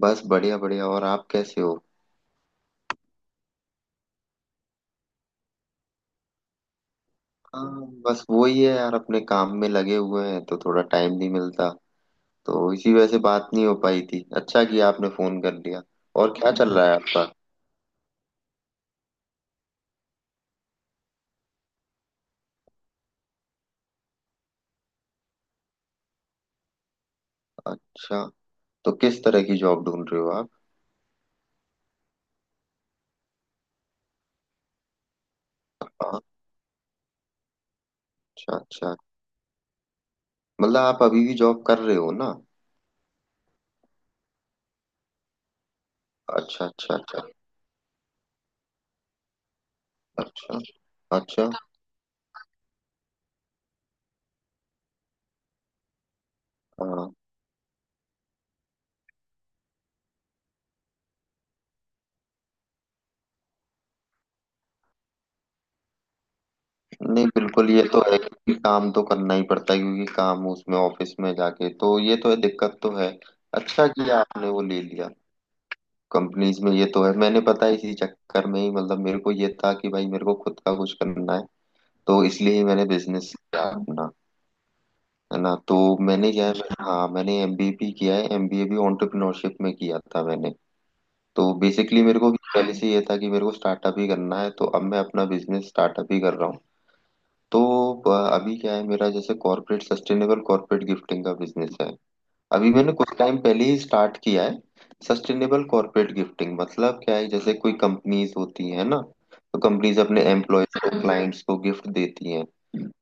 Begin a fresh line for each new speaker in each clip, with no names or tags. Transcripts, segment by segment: बस बढ़िया बढ़िया। और आप कैसे हो? हाँ, बस वही है यार, अपने काम में लगे हुए हैं तो थोड़ा टाइम नहीं मिलता। तो इसी वजह से बात नहीं हो पाई थी। अच्छा किया आपने फोन कर लिया। और क्या चल रहा है आपका? अच्छा। तो किस तरह की जॉब ढूंढ रहे हो आप? हाँ, अच्छा अच्छा। मतलब आप अभी भी जॉब कर रहे हो ना? अच्छा अच्छा अच्छा। अच्छा। अच्छा। हाँ। नहीं बिल्कुल, ये तो है कि काम तो करना ही पड़ता है, क्योंकि काम उसमें ऑफिस में जाके, तो ये तो है, दिक्कत तो है। अच्छा किया आपने वो ले लिया। कंपनीज में ये तो है, मैंने पता है, इसी चक्कर में ही मतलब मेरे को ये था कि भाई मेरे को खुद का कुछ करना है। तो इसलिए ही मैंने बिजनेस किया अपना। है ना? तो मैंने क्या है हाँ, मैंने एमबीए किया है। एमबीए भी एंटरप्रेन्योरशिप में किया था मैंने। तो बेसिकली मेरे को पहले से ये था कि मेरे को स्टार्टअप ही करना है। तो अब मैं अपना बिजनेस स्टार्टअप ही कर रहा हूँ। तो अभी क्या है, मेरा जैसे कॉर्पोरेट, सस्टेनेबल कॉर्पोरेट गिफ्टिंग का बिजनेस है। अभी मैंने कुछ टाइम पहले ही स्टार्ट किया है। सस्टेनेबल कॉर्पोरेट गिफ्टिंग मतलब क्या है, जैसे कोई कंपनीज होती है ना, तो कंपनीज अपने एम्प्लॉयज को, क्लाइंट्स को गिफ्ट देती हैं।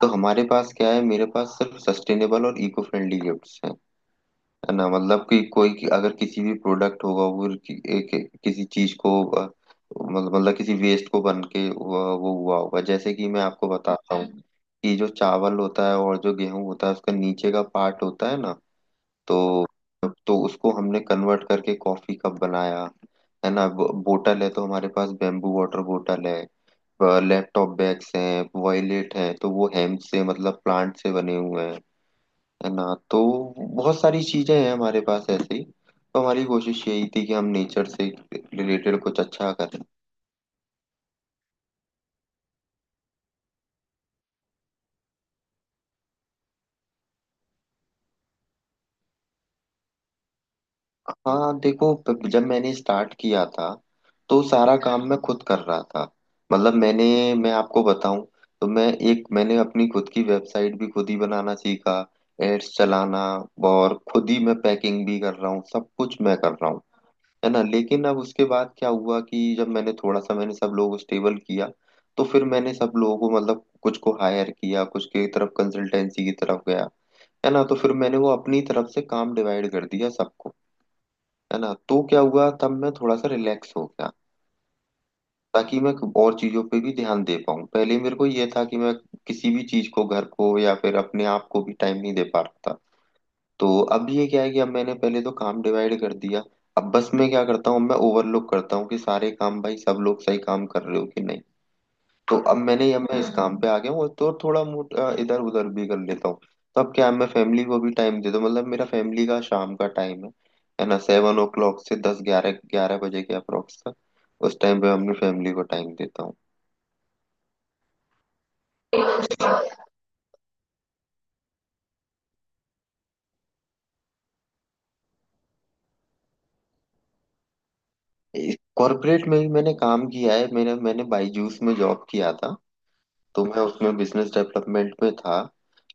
तो हमारे पास क्या है, मेरे पास सिर्फ सस्टेनेबल और इको फ्रेंडली गिफ्ट्स हैं। है ना? मतलब कि कोई, कि अगर किसी भी प्रोडक्ट होगा वो किसी चीज को मतलब किसी वेस्ट को बन के वो हुआ होगा। जैसे कि मैं आपको बताता हूँ, कि जो चावल होता है और जो गेहूं होता है, उसका नीचे का पार्ट होता है ना, तो तो उसको हमने कन्वर्ट करके कॉफी कप बनाया। है ना? बोतल है तो हमारे पास बेम्बू वाटर बोतल है। लैपटॉप बैग्स हैं, वॉयलेट है तो वो हेम्प से, मतलब प्लांट से बने हुए हैं। है ना? तो बहुत सारी चीजें हैं हमारे पास ऐसी। तो हमारी कोशिश यही थी कि हम नेचर से रिलेटेड कुछ अच्छा करें। हाँ देखो, जब मैंने स्टार्ट किया था तो सारा काम मैं खुद कर रहा था। मतलब मैंने, मैं आपको बताऊं, तो मैं, एक, मैंने अपनी खुद की वेबसाइट भी खुद ही बनाना सीखा, एड्स चलाना, और खुद ही मैं पैकिंग भी कर रहा हूँ, सब कुछ मैं कर रहा हूँ। है ना? लेकिन अब उसके बाद क्या हुआ कि जब मैंने थोड़ा सा, मैंने सब लोगों को स्टेबल किया, तो फिर मैंने सब लोगों को मतलब कुछ को हायर किया, कुछ की तरफ कंसल्टेंसी की तरफ गया। है ना? तो फिर मैंने वो अपनी तरफ से काम डिवाइड कर दिया सबको। है ना? तो क्या हुआ, तब मैं थोड़ा सा रिलैक्स हो गया, ताकि मैं और चीजों पे भी ध्यान दे पाऊँ। पहले मेरे को ये था कि मैं किसी भी चीज को, घर को या फिर अपने आप को भी टाइम नहीं दे पा रहा था। तो अब ये क्या है कि अब मैंने पहले तो काम डिवाइड कर दिया। अब बस मैं क्या करता हूँ, मैं ओवरलोक करता हूँ कि सारे काम, भाई सब लोग सही काम कर रहे हो कि नहीं। तो अब मैं इस काम पे आ गया हूँ, और तो थोड़ा मोट, इधर उधर भी कर लेता हूँ। तो अब क्या है, मैं फैमिली को भी टाइम देता हूँ, मतलब मेरा फैमिली का शाम का टाइम है। है ना? 7 o'clock से दस ग्यारह ग्यारह बजे के अप्रोक्स तक, उस टाइम पे अपनी फैमिली को टाइम देता हूँ। कॉर्पोरेट में भी मैंने काम किया है। मेरा मैंने बाईजूस में जॉब किया था। तो मैं उसमें बिजनेस डेवलपमेंट में था।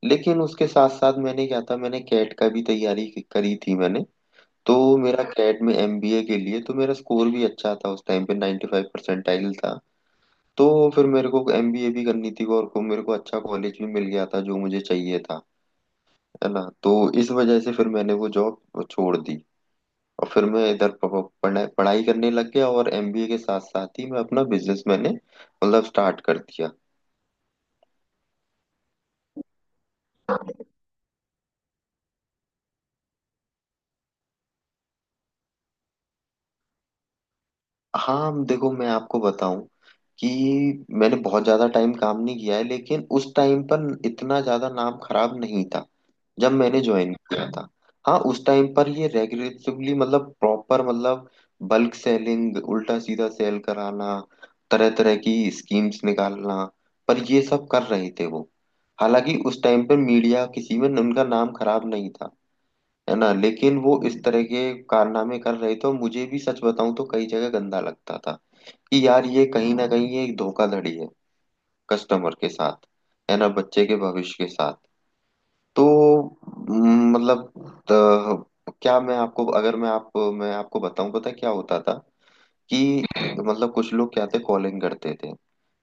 लेकिन उसके साथ साथ मैंने क्या था, मैंने कैट का भी तैयारी करी थी मैंने। तो मेरा कैट में एमबीए के लिए तो मेरा स्कोर भी अच्छा था, उस टाइम पे 95 परसेंटाइल था। तो फिर मेरे को एमबीए भी करनी थी, और को मेरे को अच्छा कॉलेज भी मिल गया था जो मुझे चाहिए था। है ना? तो इस वजह से फिर मैंने वो जॉब छोड़ दी। और फिर मैं इधर पढ़ाई पढ़ाई करने लग गया, और एमबीए के साथ साथ ही मैं अपना बिजनेस मैंने मतलब स्टार्ट कर दिया। हाँ देखो, मैं आपको बताऊं कि मैंने बहुत ज्यादा टाइम काम नहीं किया है, लेकिन उस टाइम पर इतना ज्यादा नाम खराब नहीं था जब मैंने ज्वाइन किया था। हाँ, उस टाइम पर ये रेगुलेटिवली मतलब प्रॉपर, मतलब बल्क सेलिंग, उल्टा सीधा सेल कराना, तरह तरह की स्कीम्स निकालना, पर ये सब कर रहे थे वो। हालांकि उस टाइम पर मीडिया किसी में उनका नाम खराब नहीं था। है ना? लेकिन वो इस तरह के कारनामे कर रहे थे। और मुझे भी सच बताऊं तो कई जगह गंदा लगता था, कि यार ये कहीं ना कहीं ये एक धोखाधड़ी है कस्टमर के साथ। है ना? बच्चे के भविष्य के साथ। तो मतलब त- क्या मैं आपको अगर मैं आप मैं आपको बताऊं, पता है क्या होता था कि मतलब कुछ लोग क्या थे, कॉलिंग करते थे।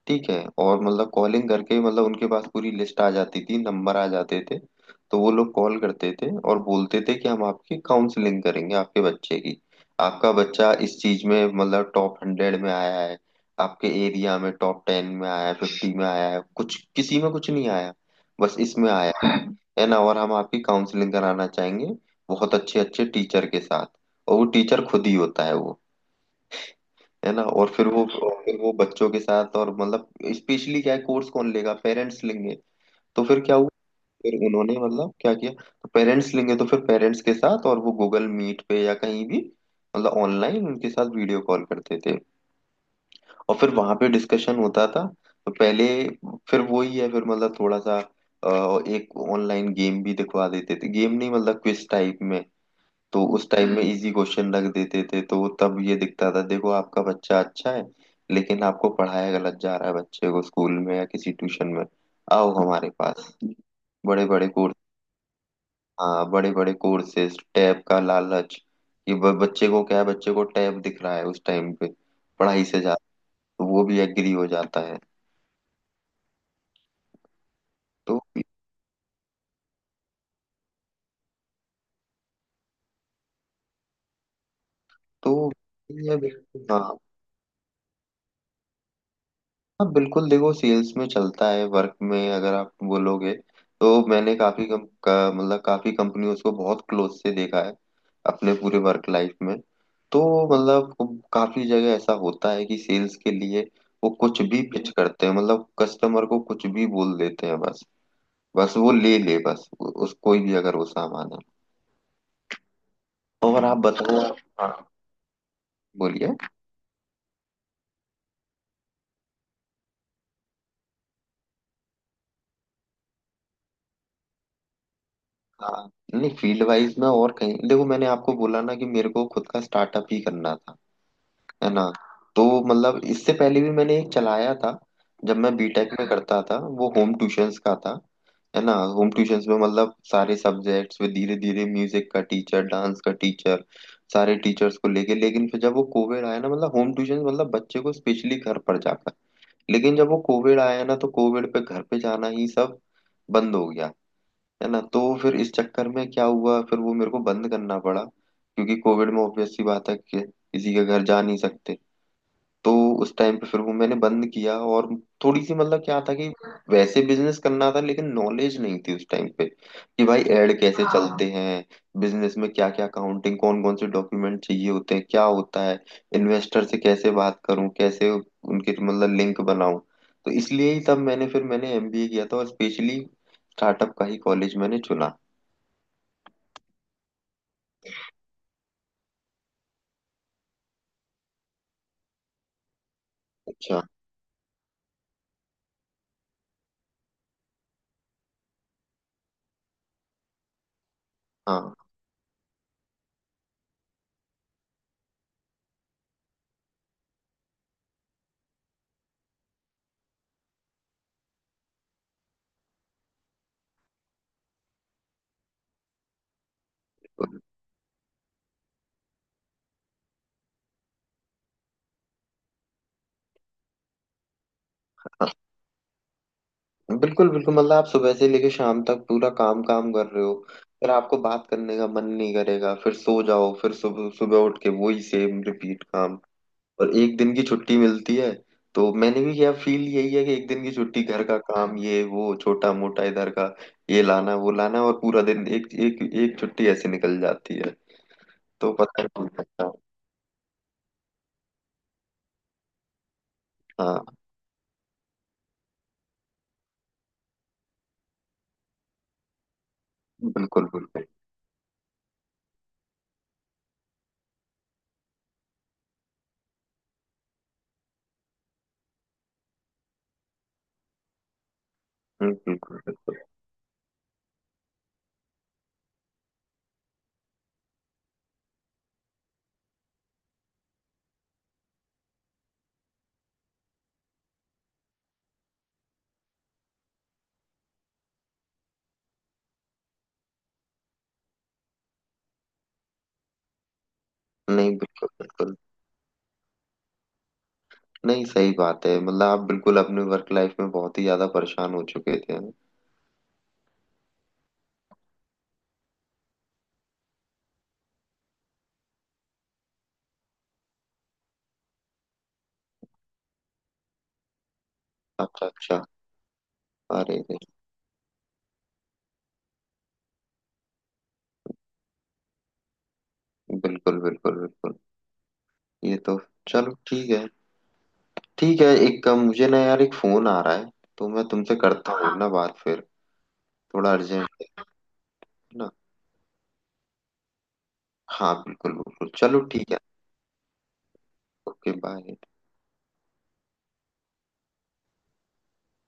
ठीक है? और मतलब कॉलिंग करके मतलब उनके पास पूरी लिस्ट आ जाती थी, नंबर आ जाते थे। तो वो लोग कॉल करते थे और बोलते थे कि हम आपकी काउंसलिंग करेंगे आपके बच्चे की। आपका बच्चा इस चीज में मतलब टॉप 100 में आया है, आपके एरिया में टॉप 10 में आया है, 50 में आया है, कुछ किसी में कुछ नहीं आया, बस इसमें आया है। है ना? और हम आपकी काउंसलिंग कराना चाहेंगे बहुत अच्छे अच्छे टीचर के साथ। और वो टीचर खुद ही होता है वो। है ना? और फिर वो, फिर वो बच्चों के साथ और मतलब स्पेशली क्या है कोर्स कौन लेगा, पेरेंट्स लेंगे। तो फिर क्या हुआ, फिर उन्होंने मतलब क्या किया, तो पेरेंट्स लेंगे तो फिर पेरेंट्स के साथ, और वो गूगल मीट पे या कहीं भी मतलब ऑनलाइन उनके साथ वीडियो कॉल करते थे, और फिर वहां पे डिस्कशन होता था। तो पहले, फिर वही है, फिर मतलब थोड़ा सा एक ऑनलाइन गेम भी दिखवा देते थे, गेम नहीं मतलब क्विज टाइप में। तो उस टाइम में इजी क्वेश्चन रख देते थे, तो तब ये दिखता था, देखो आपका बच्चा अच्छा है, लेकिन आपको पढ़ाया गलत जा रहा है बच्चे को, स्कूल में या किसी ट्यूशन में। आओ हमारे पास। बड़े बड़े कोर्स। हाँ, बड़े बड़े कोर्सेज, टैब का लालच, कि बच्चे को क्या है, बच्चे को टैब दिख रहा है उस टाइम पे पढ़ाई से ज्यादा, तो वो भी एग्री हो जाता है। तो तो ये बिल्कुल, हाँ। हाँ बिल्कुल, देखो सेल्स में चलता है वर्क में, अगर आप बोलोगे तो मैंने मतलब काफी कंपनियों को बहुत क्लोज से देखा है अपने पूरे वर्क लाइफ में। तो मतलब काफी जगह ऐसा होता है कि सेल्स के लिए वो कुछ भी पिच करते हैं, मतलब कस्टमर को कुछ भी बोल देते हैं बस, बस वो ले ले, बस उस कोई भी अगर वो सामान है। और आप बताओ। हाँ, बोलिए। हाँ नहीं, फील्ड वाइज में और कहीं, देखो मैंने आपको बोला ना कि मेरे को खुद का स्टार्टअप ही करना था। है ना? तो मतलब इससे पहले भी मैंने एक चलाया था, जब मैं बीटेक में हाँ करता था, वो होम ट्यूशंस का था। है ना? होम ट्यूशंस में मतलब सारे सब्जेक्ट्स में, धीरे धीरे म्यूजिक का टीचर, डांस का टीचर, सारे टीचर्स को लेके। लेकिन फिर जब वो कोविड आया ना, मतलब होम ट्यूशन मतलब बच्चे को स्पेशली घर पर जाकर, लेकिन जब वो कोविड आया ना तो कोविड पे घर पे जाना ही सब बंद हो गया। है ना? तो फिर इस चक्कर में क्या हुआ, फिर वो मेरे को बंद करना पड़ा, क्योंकि कोविड में ऑब्वियस सी बात है कि किसी के घर जा नहीं सकते। तो उस टाइम पे फिर वो मैंने बंद किया। और थोड़ी सी मतलब क्या था कि वैसे बिजनेस करना था, लेकिन नॉलेज नहीं थी उस टाइम पे कि भाई ऐड कैसे चलते चलते हैं, बिजनेस में क्या क्या, अकाउंटिंग, कौन कौन से डॉक्यूमेंट चाहिए होते हैं, क्या होता है, इन्वेस्टर से कैसे बात करूं, कैसे उनके मतलब लिंक बनाऊं। तो इसलिए ही तब मैंने, फिर मैंने एमबीए किया था, और स्पेशली स्टार्टअप का ही कॉलेज मैंने चुना। अच्छा। हाँ। तो- बिल्कुल बिल्कुल, मतलब आप सुबह से लेके शाम तक पूरा काम काम कर रहे हो, फिर आपको बात करने का मन नहीं करेगा, फिर सो जाओ, फिर सुबह सुबह उठ के वही सेम रिपीट काम। और एक दिन की छुट्टी मिलती है, तो मैंने भी किया फील यही है कि एक दिन की छुट्टी, घर का काम, ये वो छोटा मोटा, इधर का ये लाना, वो लाना, और पूरा दिन एक एक एक छुट्टी ऐसे निकल जाती है। तो पता नहीं चलता। हाँ बिल्कुल बिल्कुल। बिल्कुल बिल्कुल। नहीं बिल्कुल बिल्कुल। नहीं सही बात है, मतलब आप बिल्कुल अपने वर्क लाइफ में बहुत ही ज्यादा परेशान हो चुके थे। अच्छा अच्छा। अरे रे। बिल्कुल बिल्कुल बिल्कुल। ये तो, चलो ठीक है। ठीक है, एक काम, मुझे ना यार एक फोन आ रहा है, तो मैं तुमसे करता हूँ ना बात फिर, थोड़ा अर्जेंट है। ना। हाँ बिल्कुल बिल्कुल, चलो ठीक है। Okay bye.